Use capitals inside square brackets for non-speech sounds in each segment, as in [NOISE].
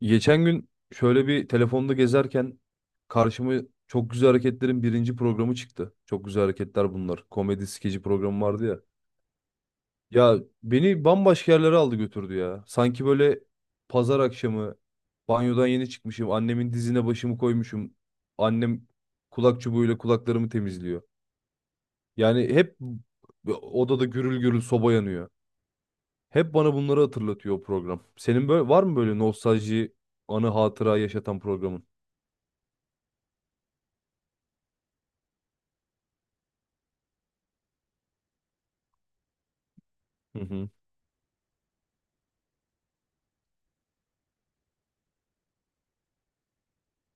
Geçen gün şöyle bir telefonda gezerken karşıma Çok Güzel Hareketler'in birinci programı çıktı. Çok Güzel Hareketler bunlar. Komedi skeci programı vardı ya. Ya beni bambaşka yerlere aldı götürdü ya. Sanki böyle pazar akşamı banyodan yeni çıkmışım. Annemin dizine başımı koymuşum. Annem kulak çubuğuyla kulaklarımı temizliyor. Yani hep odada gürül gürül soba yanıyor. Hep bana bunları hatırlatıyor o program. Senin böyle var mı böyle nostalji, anı hatıra yaşatan programın? Hı hı.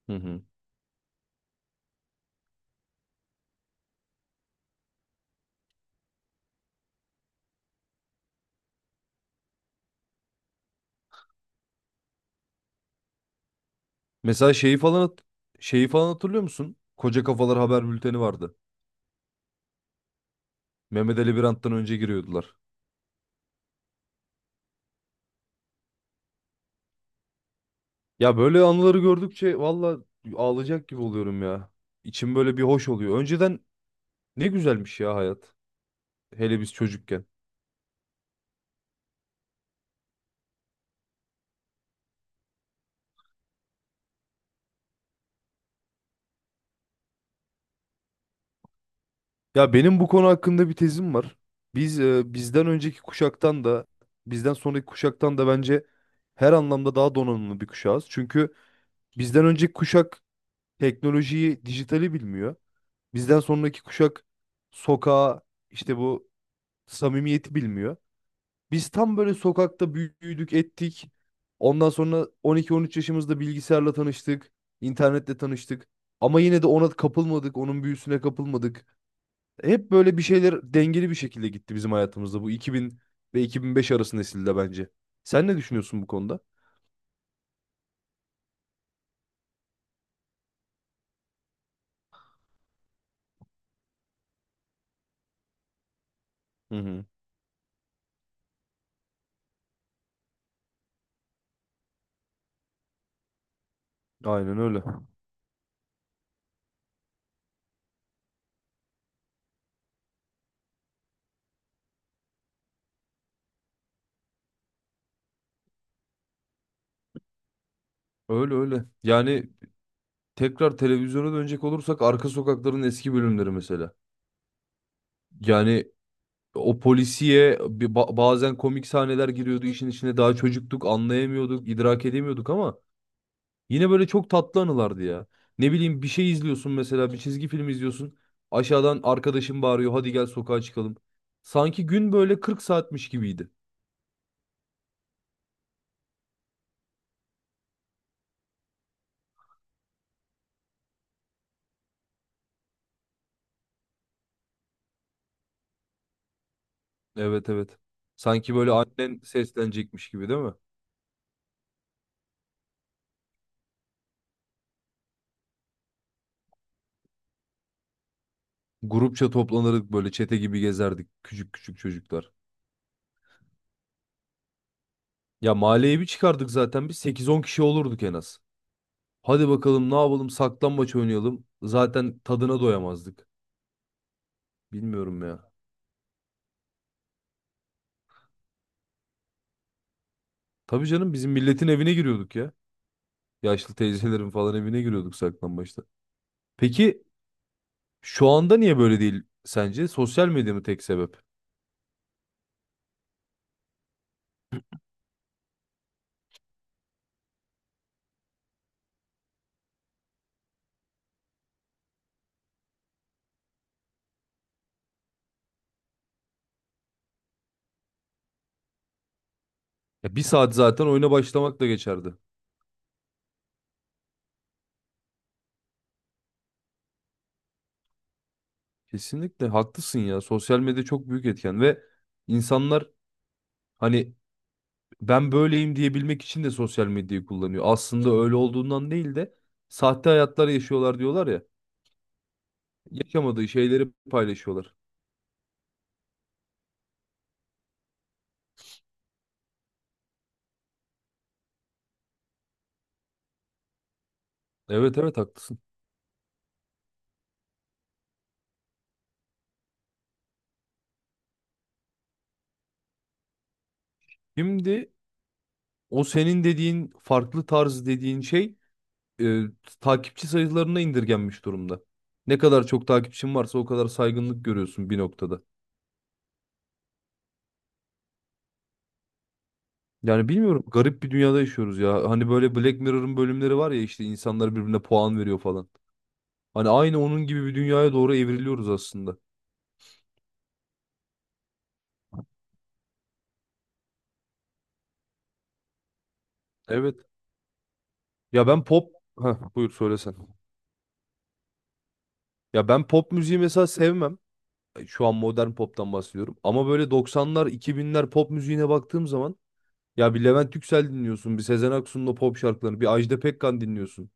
Hı hı. Mesela şeyi falan hatırlıyor musun? Koca Kafalar haber bülteni vardı. Mehmet Ali Birand'dan önce giriyordular. Ya böyle anıları gördükçe valla ağlayacak gibi oluyorum ya. İçim böyle bir hoş oluyor. Önceden ne güzelmiş ya hayat. Hele biz çocukken. Ya benim bu konu hakkında bir tezim var. Biz bizden önceki kuşaktan da bizden sonraki kuşaktan da bence her anlamda daha donanımlı bir kuşağız. Çünkü bizden önceki kuşak teknolojiyi, dijitali bilmiyor. Bizden sonraki kuşak sokağa işte bu samimiyeti bilmiyor. Biz tam böyle sokakta büyüdük ettik. Ondan sonra 12-13 yaşımızda bilgisayarla tanıştık. İnternetle tanıştık. Ama yine de ona kapılmadık. Onun büyüsüne kapılmadık. Hep böyle bir şeyler dengeli bir şekilde gitti bizim hayatımızda. Bu 2000 ve 2005 arası nesilde bence. Sen ne düşünüyorsun bu konuda? Hı hı. Aynen öyle. Öyle öyle. Yani tekrar televizyona dönecek olursak arka sokakların eski bölümleri mesela. Yani o polisiye bazen komik sahneler giriyordu işin içine. Daha çocuktuk, anlayamıyorduk, idrak edemiyorduk ama yine böyle çok tatlı anılardı ya. Ne bileyim bir şey izliyorsun mesela, bir çizgi film izliyorsun. Aşağıdan arkadaşım bağırıyor, hadi gel sokağa çıkalım. Sanki gün böyle 40 saatmiş gibiydi. Evet, evet. Sanki böyle annen seslenecekmiş gibi değil mi? Grupça toplanırdık böyle çete gibi gezerdik küçük küçük çocuklar. Ya mahalleye bir çıkardık zaten biz 8-10 kişi olurduk en az. Hadi bakalım ne yapalım saklambaç oynayalım. Zaten tadına doyamazdık. Bilmiyorum ya. Tabii canım bizim milletin evine giriyorduk ya. Yaşlı teyzelerin falan evine giriyorduk saklambaçta. Peki şu anda niye böyle değil sence? Sosyal medya mı tek sebep? Ya bir saat zaten oyuna başlamakla geçerdi. Kesinlikle haklısın ya. Sosyal medya çok büyük etken ve insanlar hani ben böyleyim diyebilmek için de sosyal medyayı kullanıyor. Aslında öyle olduğundan değil de sahte hayatlar yaşıyorlar diyorlar ya. Yaşamadığı şeyleri paylaşıyorlar. Evet, evet haklısın. Şimdi o senin dediğin farklı tarz dediğin şey e, takipçi sayılarına indirgenmiş durumda. Ne kadar çok takipçin varsa o kadar saygınlık görüyorsun bir noktada. Yani bilmiyorum garip bir dünyada yaşıyoruz ya. Hani böyle Black Mirror'ın bölümleri var ya işte insanlar birbirine puan veriyor falan. Hani aynı onun gibi bir dünyaya doğru evriliyoruz aslında. Evet. Ya ben pop... Heh, buyur söylesen. Ya ben pop müziği mesela sevmem. Şu an modern pop'tan bahsediyorum. Ama böyle 90'lar, 2000'ler pop müziğine baktığım zaman ya bir Levent Yüksel dinliyorsun, bir Sezen Aksu'nun o pop şarkılarını, bir Ajda Pekkan dinliyorsun.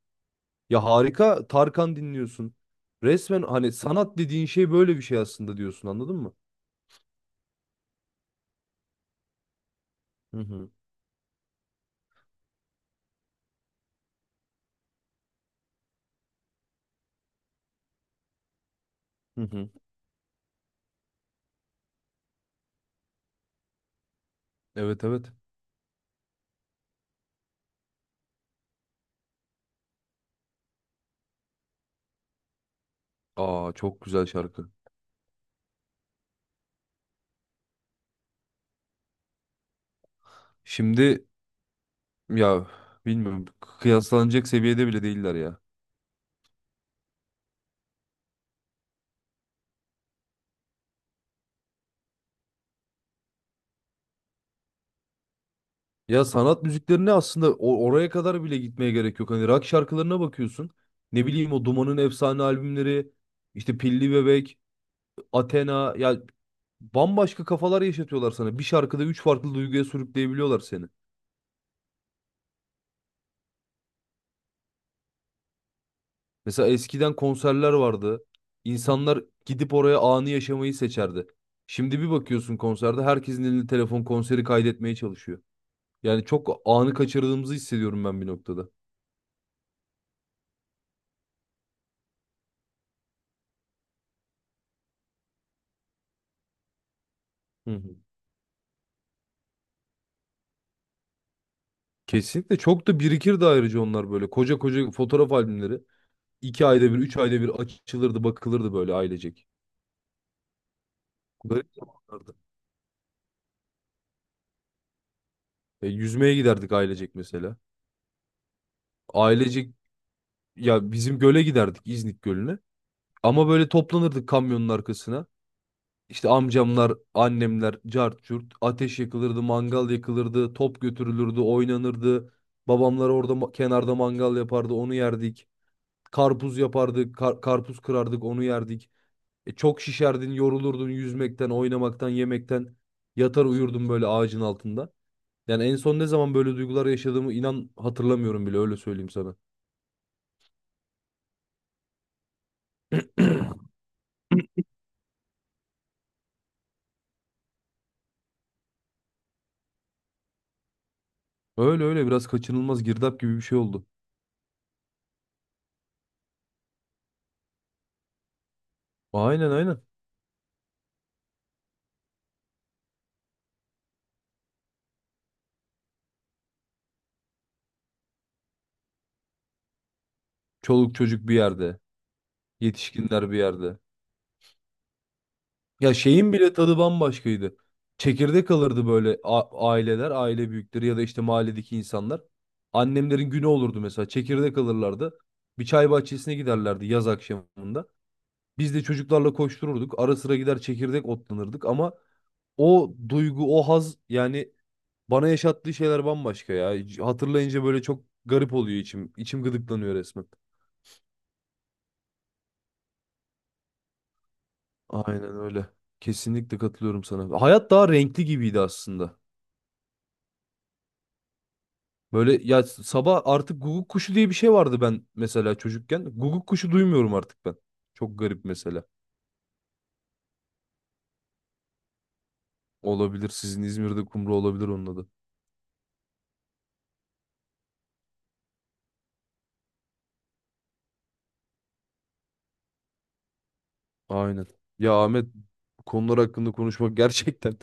Ya harika Tarkan dinliyorsun. Resmen hani sanat dediğin şey böyle bir şey aslında diyorsun anladın mı? Hı hı. Hı hı. Evet, evet. Aa çok güzel şarkı. Şimdi ya bilmiyorum kıyaslanacak seviyede bile değiller ya. Ya sanat müziklerine aslında oraya kadar bile gitmeye gerek yok. Hani rock şarkılarına bakıyorsun. Ne bileyim o Duman'ın efsane albümleri, işte Pilli Bebek, Athena ya bambaşka kafalar yaşatıyorlar sana. Bir şarkıda üç farklı duyguya sürükleyebiliyorlar seni. Mesela eskiden konserler vardı. İnsanlar gidip oraya anı yaşamayı seçerdi. Şimdi bir bakıyorsun konserde herkesin elinde telefon konseri kaydetmeye çalışıyor. Yani çok anı kaçırdığımızı hissediyorum ben bir noktada. Hı hı. Kesinlikle çok da birikir de ayrıca onlar böyle. Koca koca fotoğraf albümleri. İki ayda bir, üç ayda bir açılırdı, bakılırdı böyle ailecek. Garip zamanlardı. Yüzmeye giderdik ailecek mesela. Ailecek ya bizim göle giderdik İznik Gölü'ne. Ama böyle toplanırdık kamyonun arkasına. İşte amcamlar, annemler, cart curt. Ateş yakılırdı, mangal yakılırdı, top götürülürdü, oynanırdı. Babamlar orada kenarda mangal yapardı, onu yerdik. Karpuz yapardık, karpuz kırardık, onu yerdik. Çok şişerdin, yorulurdun yüzmekten, oynamaktan, yemekten. Yatar uyurdun böyle ağacın altında. Yani en son ne zaman böyle duygular yaşadığımı inan hatırlamıyorum bile öyle söyleyeyim sana. Öyle öyle biraz kaçınılmaz girdap gibi bir şey oldu. Aynen, aynen. Çoluk çocuk bir yerde, yetişkinler bir yerde. Ya şeyin bile tadı bambaşkaydı. Çekirdek alırdı böyle aileler, aile büyükleri ya da işte mahalledeki insanlar. Annemlerin günü olurdu mesela. Çekirdek alırlardı. Bir çay bahçesine giderlerdi yaz akşamında. Biz de çocuklarla koştururduk. Ara sıra gider çekirdek otlanırdık ama o duygu, o haz yani bana yaşattığı şeyler bambaşka ya. Hatırlayınca böyle çok garip oluyor içim. İçim gıdıklanıyor resmen. Aynen öyle. Kesinlikle katılıyorum sana. Hayat daha renkli gibiydi aslında. Böyle ya sabah artık guguk kuşu diye bir şey vardı ben mesela çocukken. Guguk kuşu duymuyorum artık ben. Çok garip mesela. Olabilir, sizin İzmir'de kumru olabilir onun adı. Aynen. Ya Ahmet, bu konular hakkında konuşmak [LAUGHS] gerçekten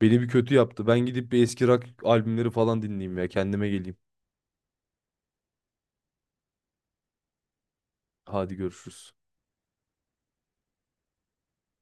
beni bir kötü yaptı. Ben gidip bir eski rock albümleri falan dinleyeyim ya. Kendime geleyim. Hadi görüşürüz.